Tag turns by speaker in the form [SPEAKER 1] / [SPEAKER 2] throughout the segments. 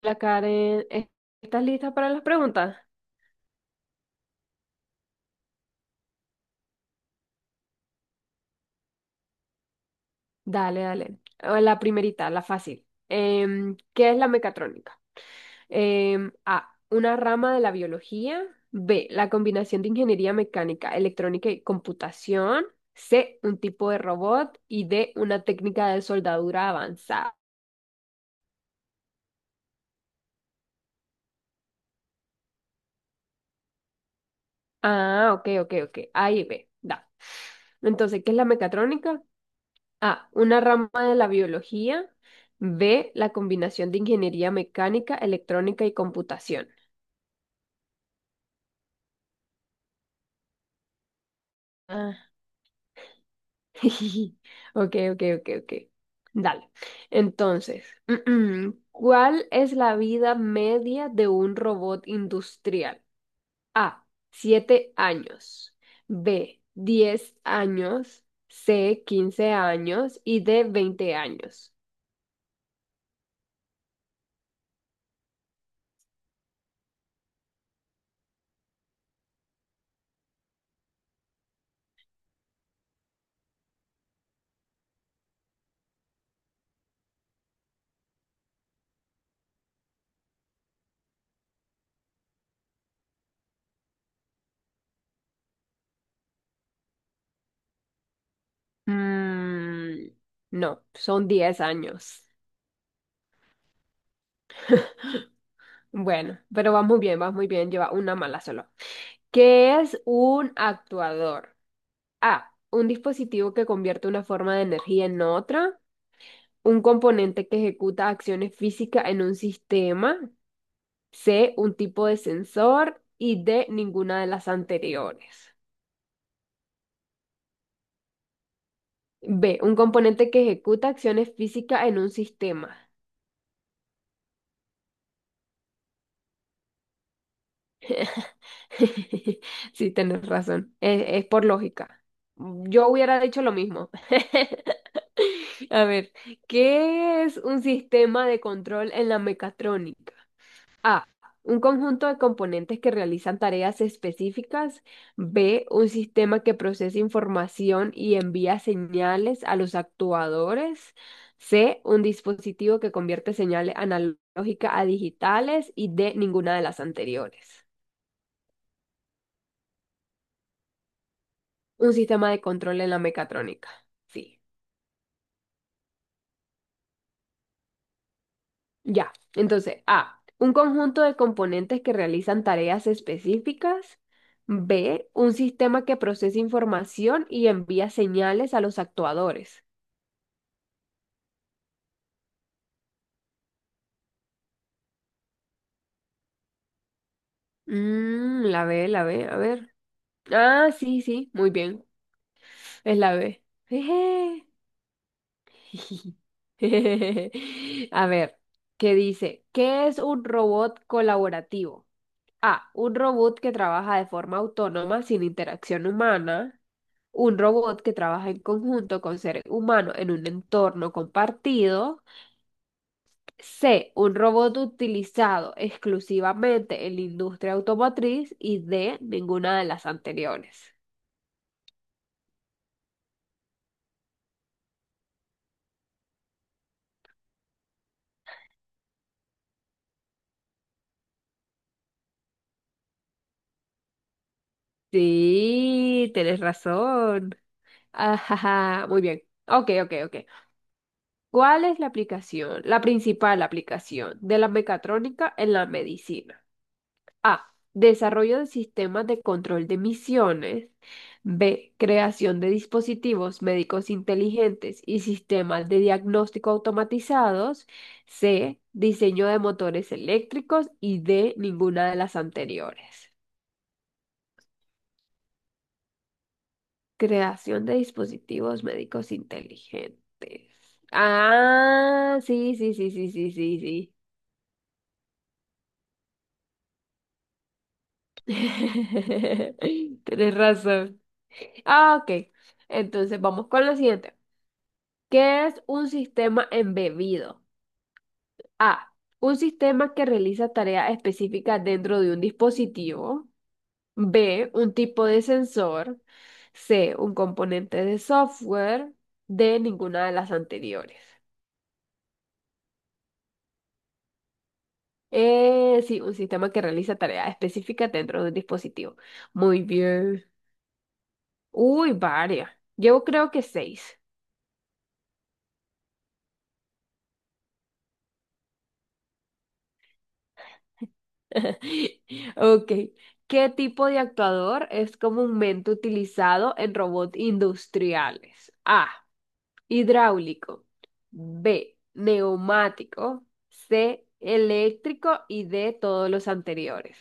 [SPEAKER 1] La Karen, estás lista para las preguntas? Dale, dale. La primerita, la fácil. ¿Qué es la mecatrónica? A, una rama de la biología. B, la combinación de ingeniería mecánica, electrónica y computación. C, un tipo de robot. Y D, una técnica de soldadura avanzada. Ah, ok, ok, ok. A y B, da. Entonces, ¿qué es la mecatrónica? A, una rama de la biología. B, la combinación de ingeniería mecánica, electrónica y computación. Ah, Ok, ok, ok, ok. Dale. Entonces, ¿cuál es la vida media de un robot industrial? A, 7 años. B, 10 años. C, 15 años. Y D, 20 años. Mm, no, son 10 años. Bueno, pero vas muy bien, lleva una mala solo. ¿Qué es un actuador? A, un dispositivo que convierte una forma de energía en otra. Un componente que ejecuta acciones físicas en un sistema. C, un tipo de sensor. Y D, ninguna de las anteriores. B, un componente que ejecuta acciones físicas en un sistema. Sí, tienes razón. Es por lógica. Yo hubiera dicho lo mismo. A ver, ¿qué es un sistema de control en la mecatrónica? A. Un conjunto de componentes que realizan tareas específicas. B. Un sistema que procesa información y envía señales a los actuadores. C. Un dispositivo que convierte señales analógicas a digitales. Y D. Ninguna de las anteriores. Un sistema de control en la mecatrónica. Sí. Ya. Entonces, A, un conjunto de componentes que realizan tareas específicas. B, un sistema que procesa información y envía señales a los actuadores. Mm, la B, a ver. Ah, sí, sí, muy bien. Es la B. Jeje. A ver, ¿qué dice? ¿Qué es un robot colaborativo? A. Un robot que trabaja de forma autónoma sin interacción humana. Un robot que trabaja en conjunto con seres humanos en un entorno compartido. C. Un robot utilizado exclusivamente en la industria automotriz. Y D. Ninguna de las anteriores. Sí, tienes razón. Ajaja, muy bien. Ok, ok, ok. ¿Cuál es la aplicación, la principal aplicación de la mecatrónica en la medicina? A. Desarrollo de sistemas de control de emisiones. B. Creación de dispositivos médicos inteligentes y sistemas de diagnóstico automatizados. C. Diseño de motores eléctricos. Y D. Ninguna de las anteriores. Creación de dispositivos médicos inteligentes. Ah, sí, sí, sí, sí, sí, sí, sí. Tienes razón. Ah, ok. Entonces vamos con la siguiente. ¿Qué es un sistema embebido? A. Un sistema que realiza tareas específicas dentro de un dispositivo. B. Un tipo de sensor. C. Un componente de software. D. Ninguna de las anteriores. Sí, un sistema que realiza tareas específicas dentro de un dispositivo. Muy bien. Uy, varias. Yo creo que seis. Ok. ¿Qué tipo de actuador es comúnmente utilizado en robots industriales? A. Hidráulico. B. Neumático. C. Eléctrico. Y D. Todos los anteriores.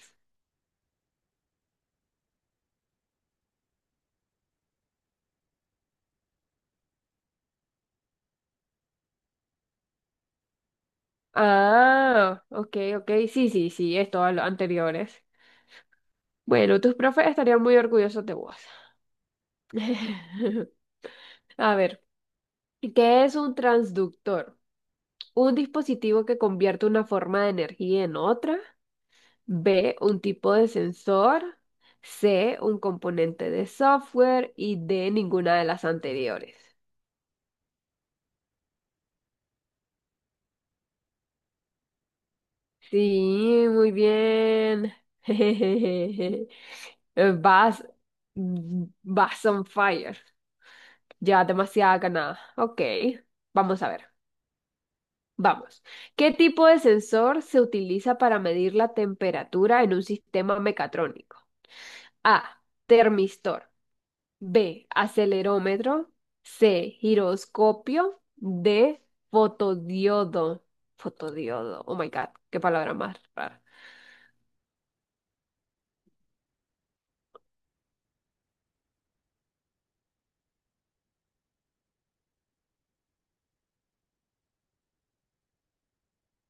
[SPEAKER 1] Ah, ok, ok. Sí, sí, sí, es todos los anteriores. Bueno, tus profes estarían muy orgullosos de vos. A ver, ¿qué es un transductor? Un dispositivo que convierte una forma de energía en otra. B, un tipo de sensor. C, un componente de software. Y D, ninguna de las anteriores. Sí, muy bien. Vas, vas on fire. Ya demasiada ganada. Ok, vamos a ver. Vamos. ¿Qué tipo de sensor se utiliza para medir la temperatura en un sistema mecatrónico? A. Termistor. B, acelerómetro. C, giroscopio. D, fotodiodo. Fotodiodo. Oh my God, qué palabra más rara.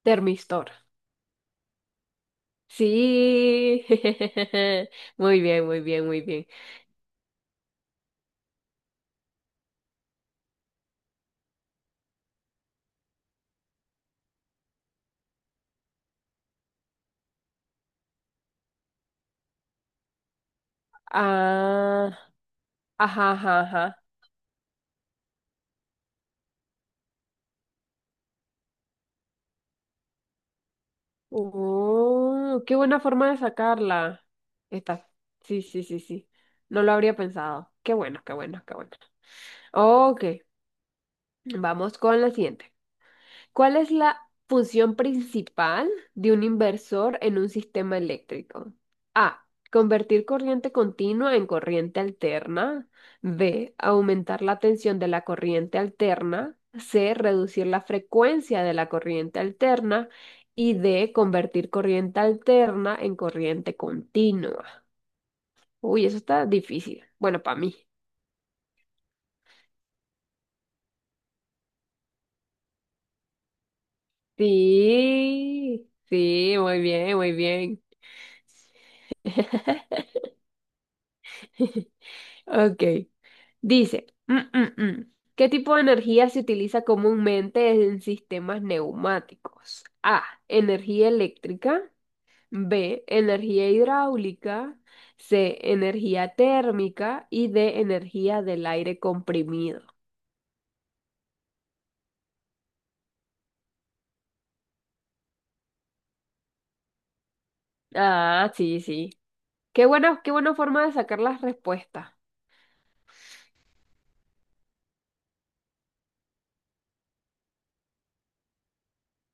[SPEAKER 1] Termistor. Sí. Muy bien, muy bien, muy bien. Ah, ajá, ajá, ajá. Oh, qué buena forma de sacarla esta. Sí, sí, sí, sí. No lo habría pensado. Qué bueno, qué bueno, qué bueno. Ok, vamos con la siguiente. ¿Cuál es la función principal de un inversor en un sistema eléctrico? A. Convertir corriente continua en corriente alterna. B. Aumentar la tensión de la corriente alterna. C. Reducir la frecuencia de la corriente alterna. Y D. Convertir corriente alterna en corriente continua. Uy, eso está difícil. Bueno, para mí. Sí, sí, muy bien, muy bien. Ok. Dice. Mm. ¿Qué tipo de energía se utiliza comúnmente en sistemas neumáticos? A, energía eléctrica. B, energía hidráulica. C, energía térmica. Y D, energía del aire comprimido. Ah, sí, sí. Qué bueno, qué buena forma de sacar las respuestas.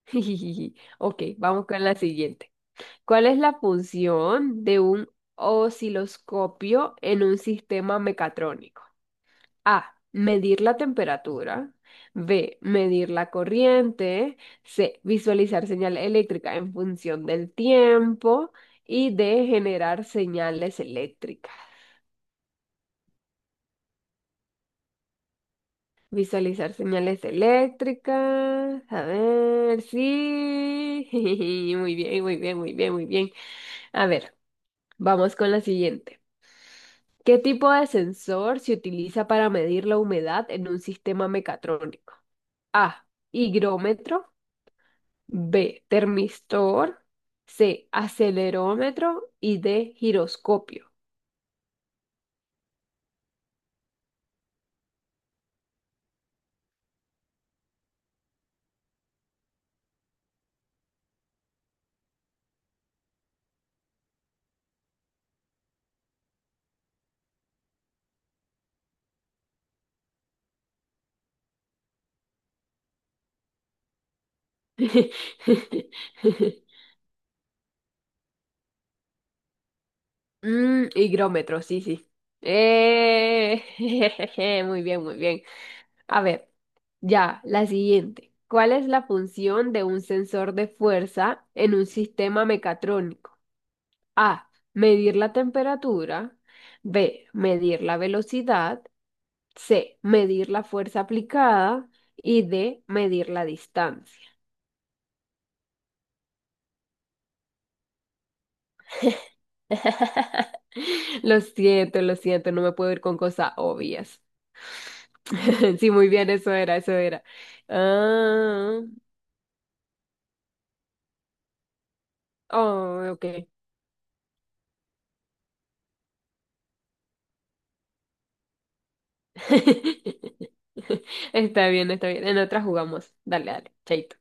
[SPEAKER 1] Ok, vamos con la siguiente. ¿Cuál es la función de un osciloscopio en un sistema mecatrónico? A. Medir la temperatura. B. Medir la corriente. C. Visualizar señal eléctrica en función del tiempo. Y D. Generar señales eléctricas. Visualizar señales eléctricas. A ver, sí. Muy bien, muy bien, muy bien, muy bien. A ver, vamos con la siguiente. ¿Qué tipo de sensor se utiliza para medir la humedad en un sistema mecatrónico? A. Higrómetro. B. Termistor. C. Acelerómetro. Y D. Giroscopio. Mm, higrómetro, sí, sí. Jejeje, muy bien, muy bien. A ver, ya, la siguiente. ¿Cuál es la función de un sensor de fuerza en un sistema mecatrónico? A. Medir la temperatura. B. Medir la velocidad. C. Medir la fuerza aplicada. Y D. Medir la distancia. Lo siento, no me puedo ir con cosas obvias. Sí, muy bien, eso era, eso era. Ah, oh, ok. Está bien, está bien. En otra jugamos. Dale, dale, chaito.